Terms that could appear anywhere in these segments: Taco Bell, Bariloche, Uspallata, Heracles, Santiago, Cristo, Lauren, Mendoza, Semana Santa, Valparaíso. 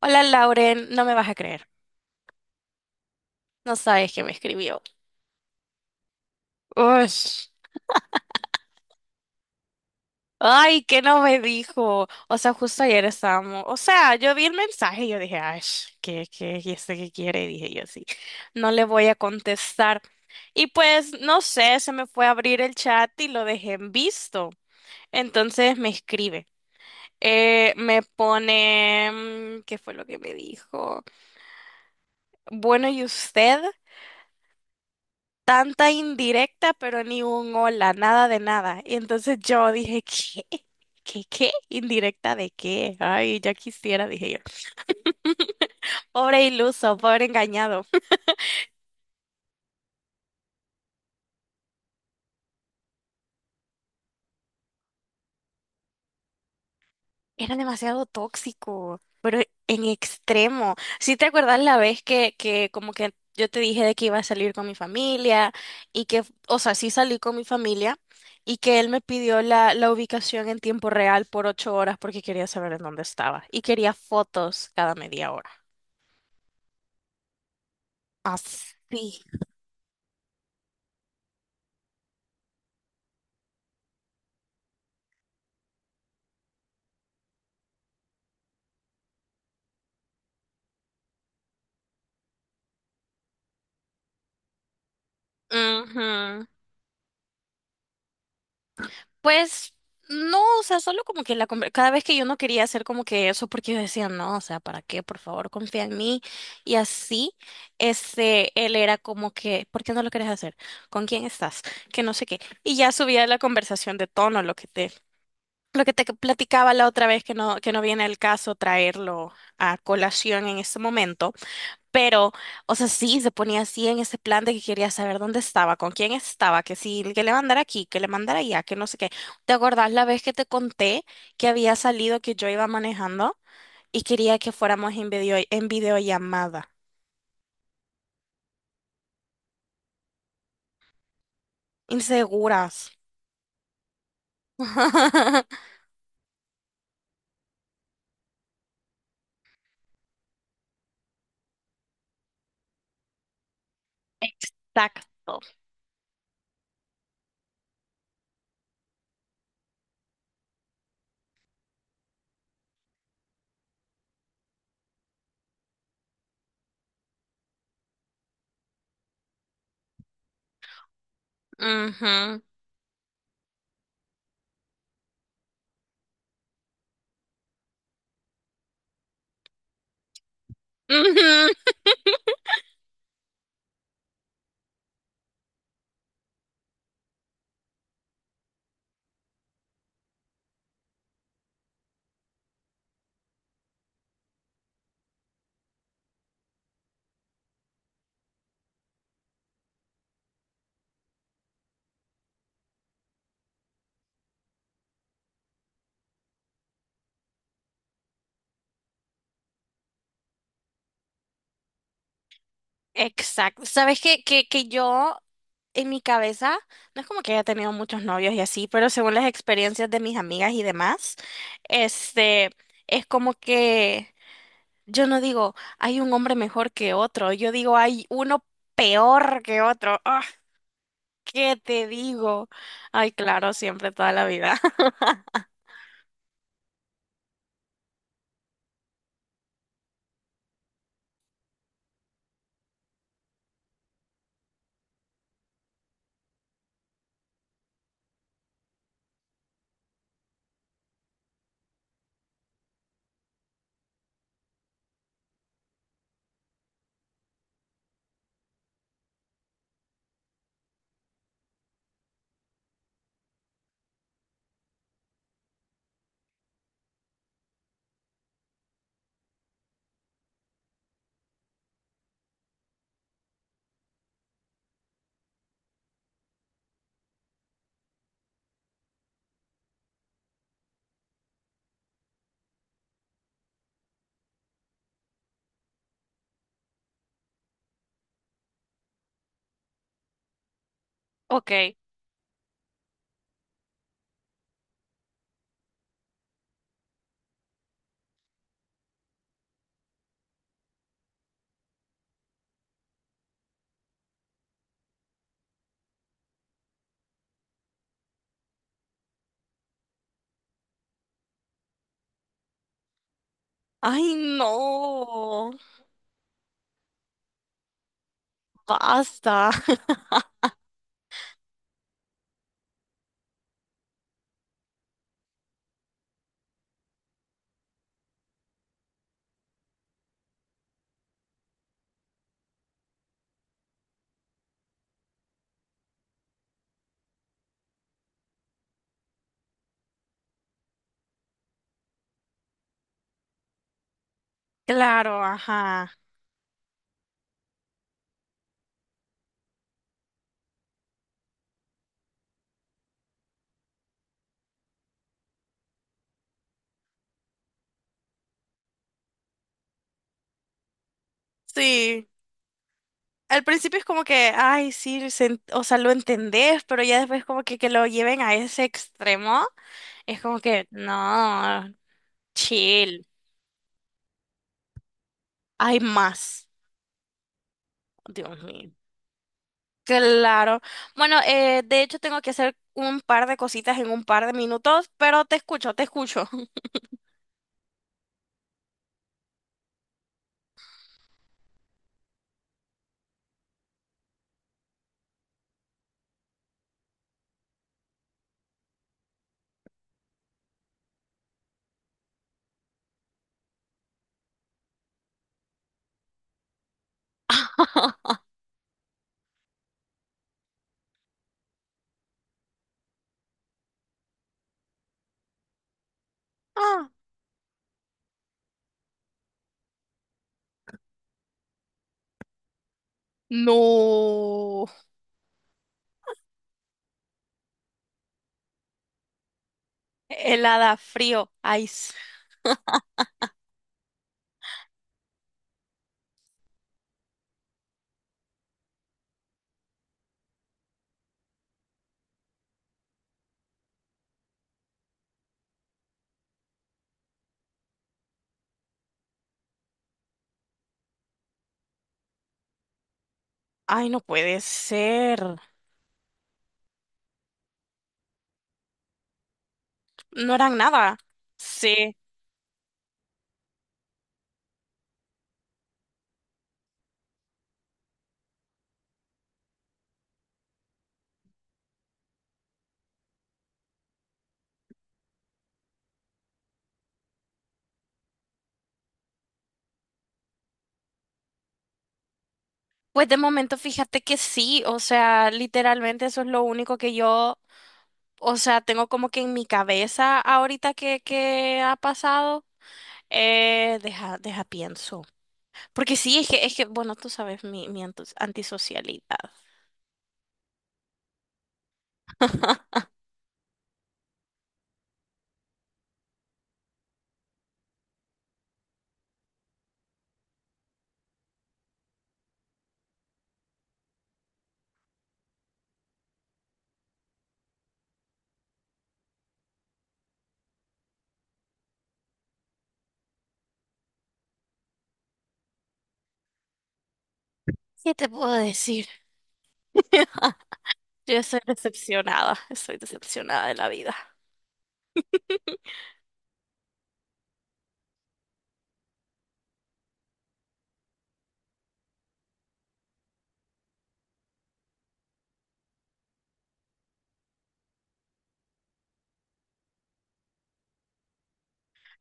Hola Lauren, no me vas a creer. No sabes que me escribió. Ush. Ay, que no me dijo. O sea, justo ayer estábamos. O sea, yo vi el mensaje y yo dije, ay, sh, y este qué quiere? Dije yo sí. No le voy a contestar. Y pues, no sé, se me fue a abrir el chat y lo dejé en visto. Entonces me escribe. Me pone, ¿qué fue lo que me dijo? Bueno, ¿y usted? Tanta indirecta, pero ni un hola, nada de nada. Y entonces yo dije, ¿qué? ¿Qué, qué? ¿Indirecta de qué? Ay, ya quisiera, dije yo. Pobre iluso, pobre engañado. Era demasiado tóxico, pero en extremo. ¿Sí te acuerdas la vez que como que yo te dije de que iba a salir con mi familia y que, o sea, sí salí con mi familia y que él me pidió la ubicación en tiempo real por 8 horas porque quería saber en dónde estaba y quería fotos cada media hora? Así. Ujú. Pues no, o sea, solo como que cada vez que yo no quería hacer como que eso porque yo decía, no, o sea, ¿para qué? Por favor, confía en mí. Y así, este, él era como que, ¿por qué no lo querés hacer? ¿Con quién estás? Que no sé qué. Y ya subía la conversación de tono, lo que te platicaba la otra vez que no viene al caso traerlo a colación en este momento. Pero, o sea, sí, se ponía así en ese plan de que quería saber dónde estaba, con quién estaba, que si que le mandara aquí, que le mandara allá, que no sé qué. ¿Te acordás la vez que te conté que había salido que yo iba manejando y quería que fuéramos en video, en videollamada? Inseguras. Exacto. Ujú. Ujú. Exacto. Sabes que yo en mi cabeza, no es como que haya tenido muchos novios y así, pero según las experiencias de mis amigas y demás, este, es como que yo no digo, hay un hombre mejor que otro, yo digo, hay uno peor que otro. Ah, ¿qué te digo? Ay, claro, siempre, toda la vida. Ok. Ay, no. Basta. Claro, ajá. Sí. Al principio es como que, ay, sí, o sea, lo entendés, pero ya después como que lo lleven a ese extremo, es como que, no, chill, hay más. Dios mío. Claro. Bueno, de hecho tengo que hacer un par de cositas en un par de minutos, pero te escucho, te escucho. Ah, no. Helada, frío, ice. Ay, no puede ser. No eran nada. Sí. Pues de momento fíjate que sí, o sea, literalmente eso es lo único que yo, o sea, tengo como que en mi cabeza ahorita que ha pasado. Deja pienso. Porque sí, es que, bueno, tú sabes mi, mi antisocialidad. ¿Qué te puedo decir? Yo estoy decepcionada de la vida.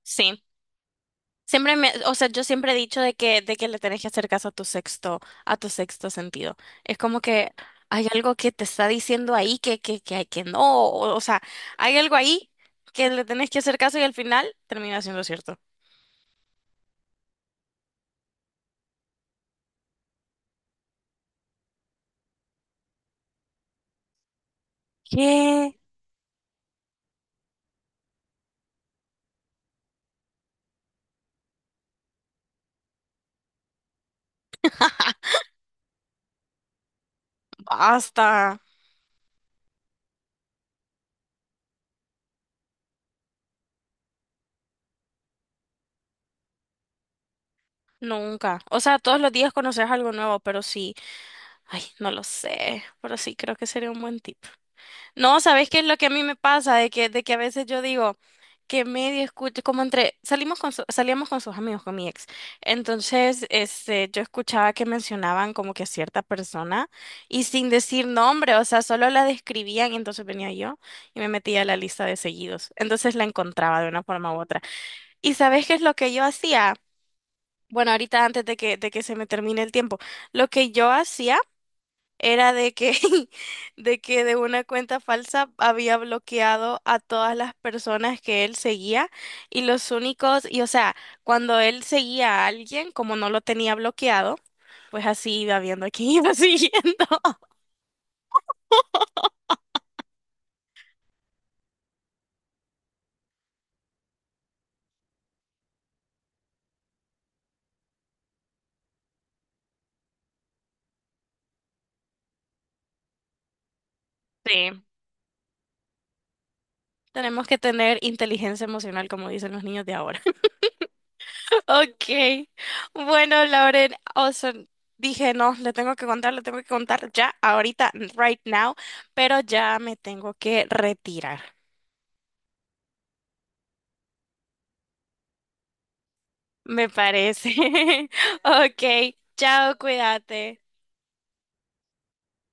Sí. Siempre me, o sea, yo siempre he dicho de que le tenés que hacer caso a tu sexto sentido. Es como que hay algo que te está diciendo ahí que que no, o sea, hay algo ahí que le tenés que hacer caso y al final termina siendo cierto. ¿Qué? Basta. Nunca. O sea, todos los días conoces algo nuevo, pero sí, ay, no lo sé, pero sí creo que sería un buen tip. No, ¿sabes qué es lo que a mí me pasa? De que a veces yo digo que medio escucho, como entre, salimos con salíamos con sus amigos, con mi ex. Entonces, este, yo escuchaba que mencionaban como que a cierta persona y sin decir nombre, o sea, solo la describían y entonces venía yo y me metía a la lista de seguidos. Entonces la encontraba de una forma u otra. ¿Y sabes qué es lo que yo hacía? Bueno, ahorita antes de que se me termine el tiempo, lo que yo hacía era de que, de que de una cuenta falsa había bloqueado a todas las personas que él seguía y los únicos, y o sea, cuando él seguía a alguien, como no lo tenía bloqueado, pues así iba viendo a quién iba siguiendo. Sí, tenemos que tener inteligencia emocional, como dicen los niños de ahora. Ok, bueno, Lauren, o sea, dije, no, le tengo que contar, le tengo que contar ya, ahorita, right now, pero ya me tengo que retirar. Me parece. Ok, chao, cuídate.